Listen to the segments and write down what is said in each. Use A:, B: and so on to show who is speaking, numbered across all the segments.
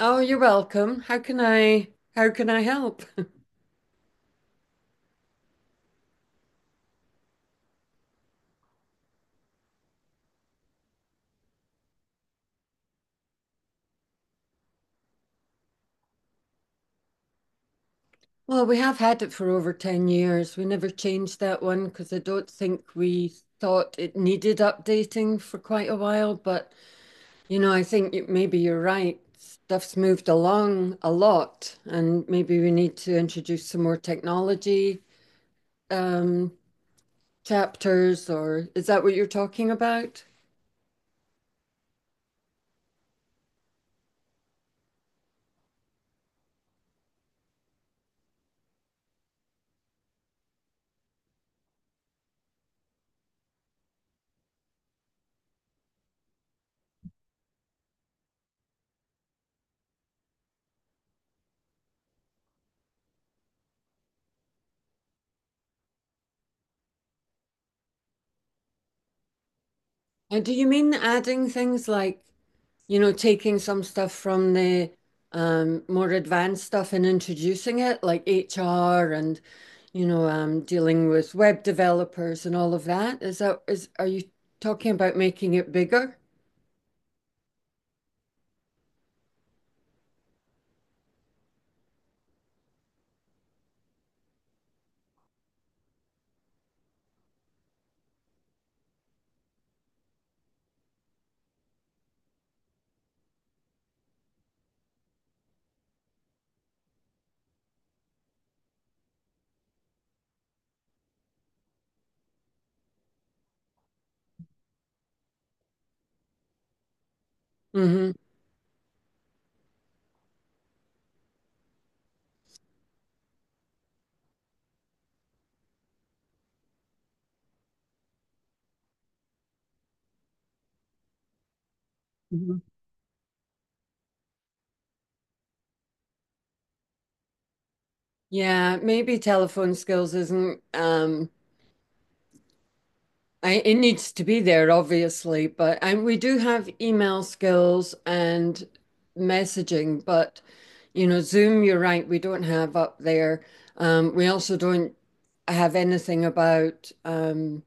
A: Oh, you're welcome. How can I help? Well, we have had it for over 10 years. We never changed that one because I don't think we thought it needed updating for quite a while, but you know, I think maybe you're right. Stuff's moved along a lot, and maybe we need to introduce some more technology um chapters. Or is that what you're talking about? And do you mean adding things like, you know, taking some stuff from the more advanced stuff and introducing it, like HR and, you know, dealing with web developers and all of that. Is that is Are you talking about making it bigger? Hmm. Hmm. Yeah, maybe telephone skills isn't it needs to be there, obviously, but. And we do have email skills and messaging, but you know, Zoom, you're right, we don't have up there. We also don't have anything about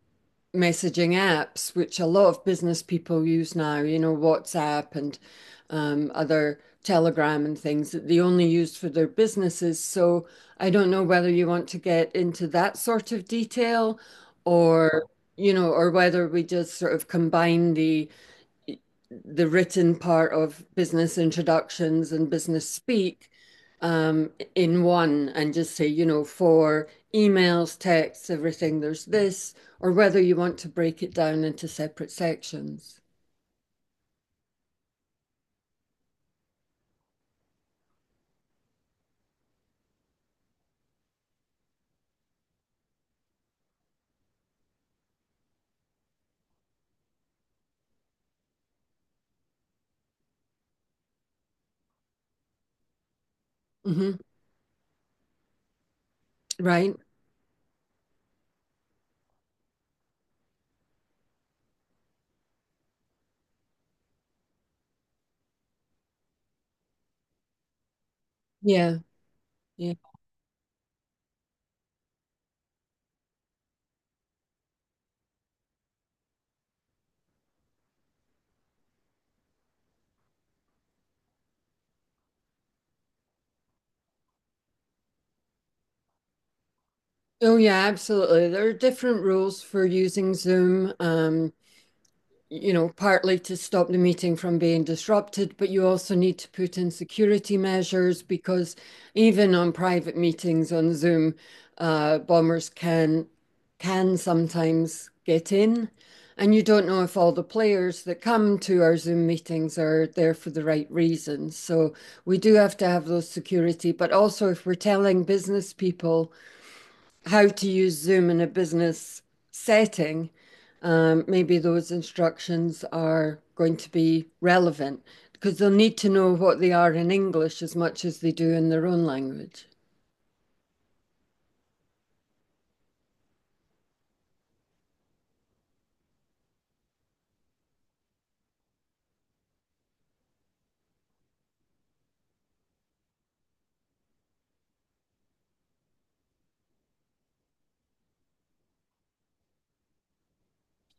A: messaging apps, which a lot of business people use now, you know, WhatsApp and other Telegram and things that they only use for their businesses. So I don't know whether you want to get into that sort of detail or, you know, or whether we just sort of combine the written part of business introductions and business speak in one and just say, you know, for emails, texts, everything, there's this, or whether you want to break it down into separate sections. Hmm. Right? Yeah. Yeah. Oh, yeah, absolutely. There are different rules for using Zoom. You know, partly to stop the meeting from being disrupted, but you also need to put in security measures because even on private meetings on Zoom, bombers can sometimes get in, and you don't know if all the players that come to our Zoom meetings are there for the right reasons. So we do have to have those security, but also if we're telling business people how to use Zoom in a business setting, maybe those instructions are going to be relevant because they'll need to know what they are in English as much as they do in their own language.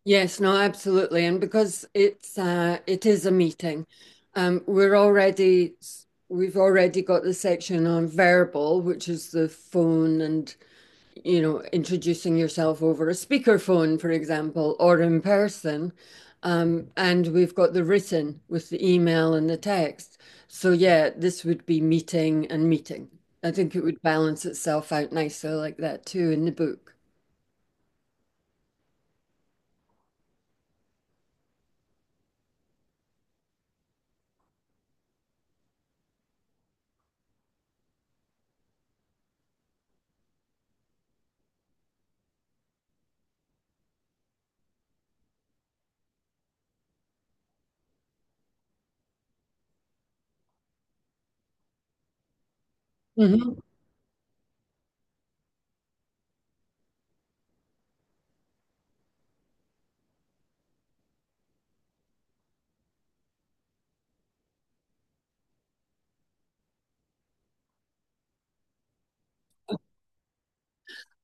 A: Yes, no, absolutely. And because it is a meeting, um, we're already we've already got the section on verbal, which is the phone and, you know, introducing yourself over a speakerphone, for example, or in person. And we've got the written with the email and the text. So, yeah, this would be meeting and meeting. I think it would balance itself out nicely like that too in the book. Hmm.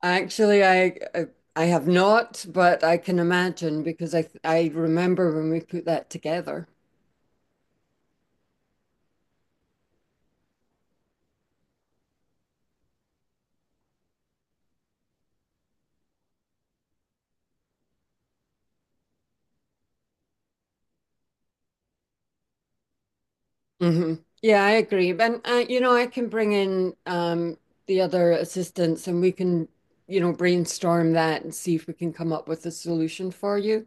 A: Actually, I have not, but I can imagine because I remember when we put that together. Hmm. Yeah, I agree. And you know, I can bring in the other assistants, and we can, you know, brainstorm that and see if we can come up with a solution for you.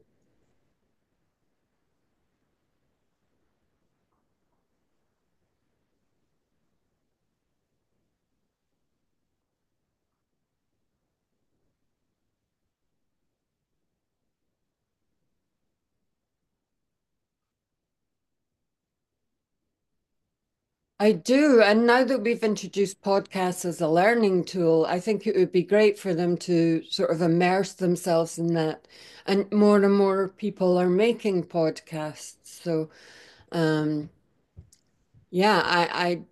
A: I do. And now that we've introduced podcasts as a learning tool, I think it would be great for them to sort of immerse themselves in that. And more people are making podcasts. So, um, yeah,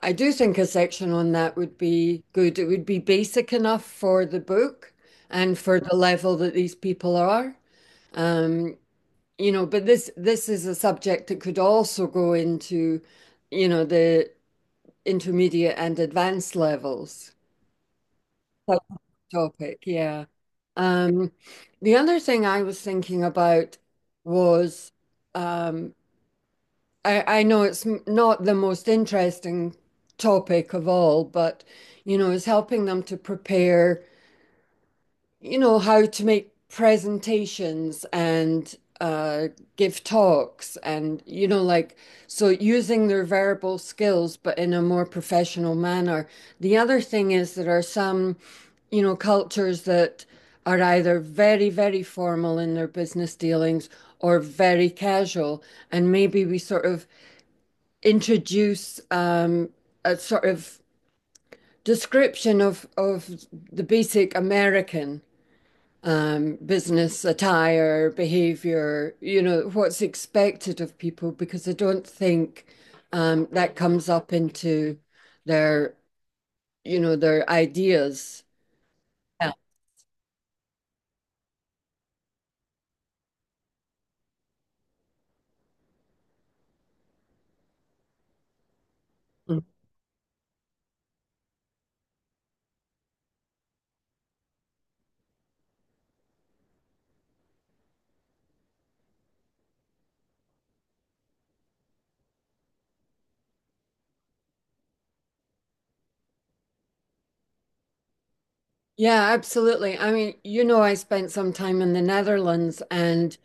A: I do think a section on that would be good. It would be basic enough for the book and for the level that these people are. Um, you know, but this is a subject that could also go into, you know, the intermediate and advanced levels type of topic. Yeah. Um, the other thing I was thinking about was um, I know it's not the most interesting topic of all, but you know, it's helping them to prepare, you know, how to make presentations and uh, give talks and, you know, like, so using their verbal skills, but in a more professional manner. The other thing is there are some, you know, cultures that are either very, very formal in their business dealings or very casual. And maybe we sort of introduce a sort of description of the basic American business attire, behavior, you know, what's expected of people, because I don't think that comes up into their, you know, their ideas. Yeah, absolutely. I mean, you know, I spent some time in the Netherlands and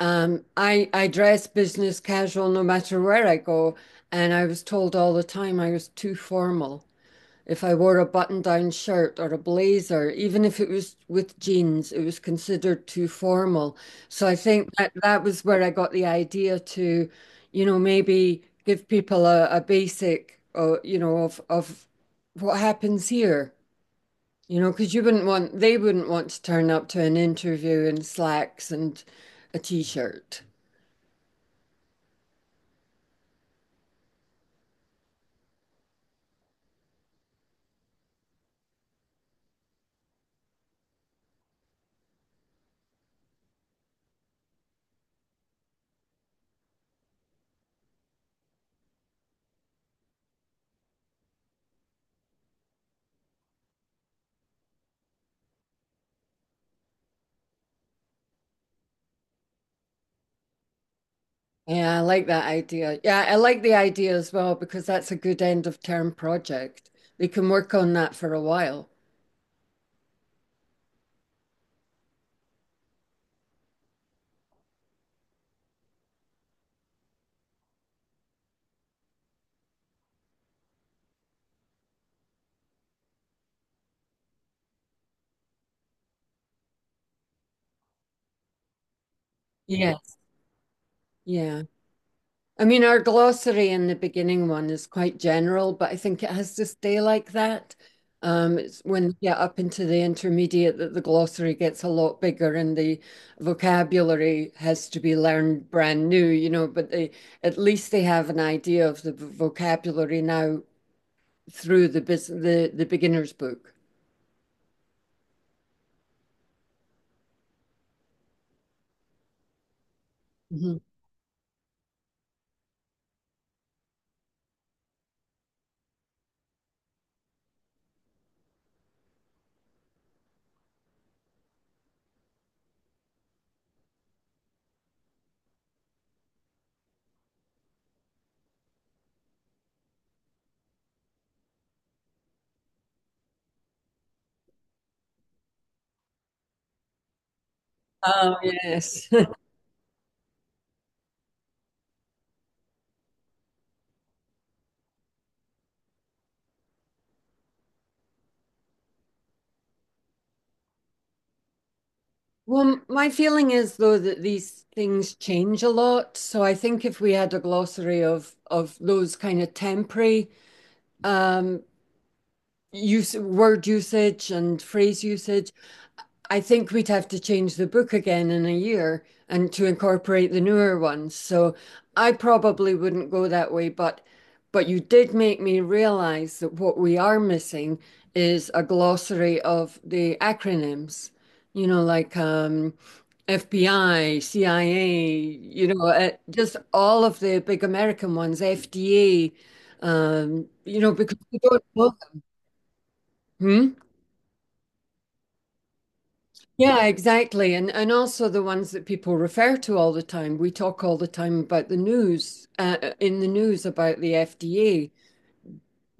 A: I dress business casual no matter where I go, and I was told all the time I was too formal. If I wore a button-down shirt or a blazer, even if it was with jeans, it was considered too formal. So I think that that was where I got the idea to, you know, maybe give people a basic, you know, of what happens here. You know, because you wouldn't want, they wouldn't want to turn up to an interview in slacks and a t-shirt. Yeah, I like that idea. Yeah, I like the idea as well because that's a good end of term project. We can work on that for a while. Yeah. Yeah. I mean, our glossary in the beginning one is quite general, but I think it has to stay like that. It's when you get up into the intermediate that the glossary gets a lot bigger and the vocabulary has to be learned brand new, you know, but they at least they have an idea of the vocabulary now through the, beginner's book. Mhm. Oh, yes. Well, my feeling is though that these things change a lot. So I think if we had a glossary of those kind of temporary um use word usage and phrase usage, I think we'd have to change the book again in a year and to incorporate the newer ones. So I probably wouldn't go that way, but you did make me realize that what we are missing is a glossary of the acronyms, you know, like FBI, CIA, you know, just all of the big American ones, FDA, you know, because we don't know them. Hmm? Yeah, exactly. And also the ones that people refer to all the time. We talk all the time about the news, in the news about the FDA.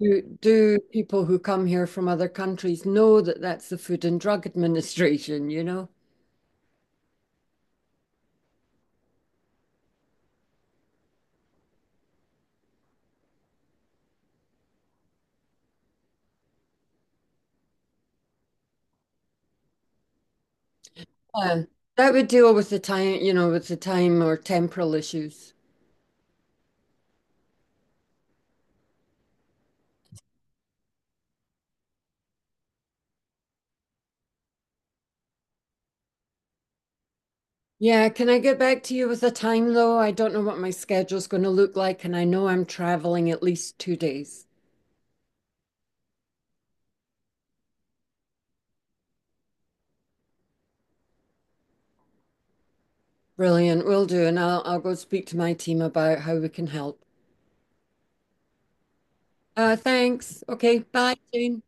A: Do people who come here from other countries know that that's the Food and Drug Administration, you know? Yeah. That would deal with the time, you know, with the time or temporal issues. Yeah, can I get back to you with a time though? I don't know what my schedule's going to look like, and I know I'm traveling at least 2 days. Brilliant, will do, and I'll go speak to my team about how we can help. Thanks. Okay, bye, Jane.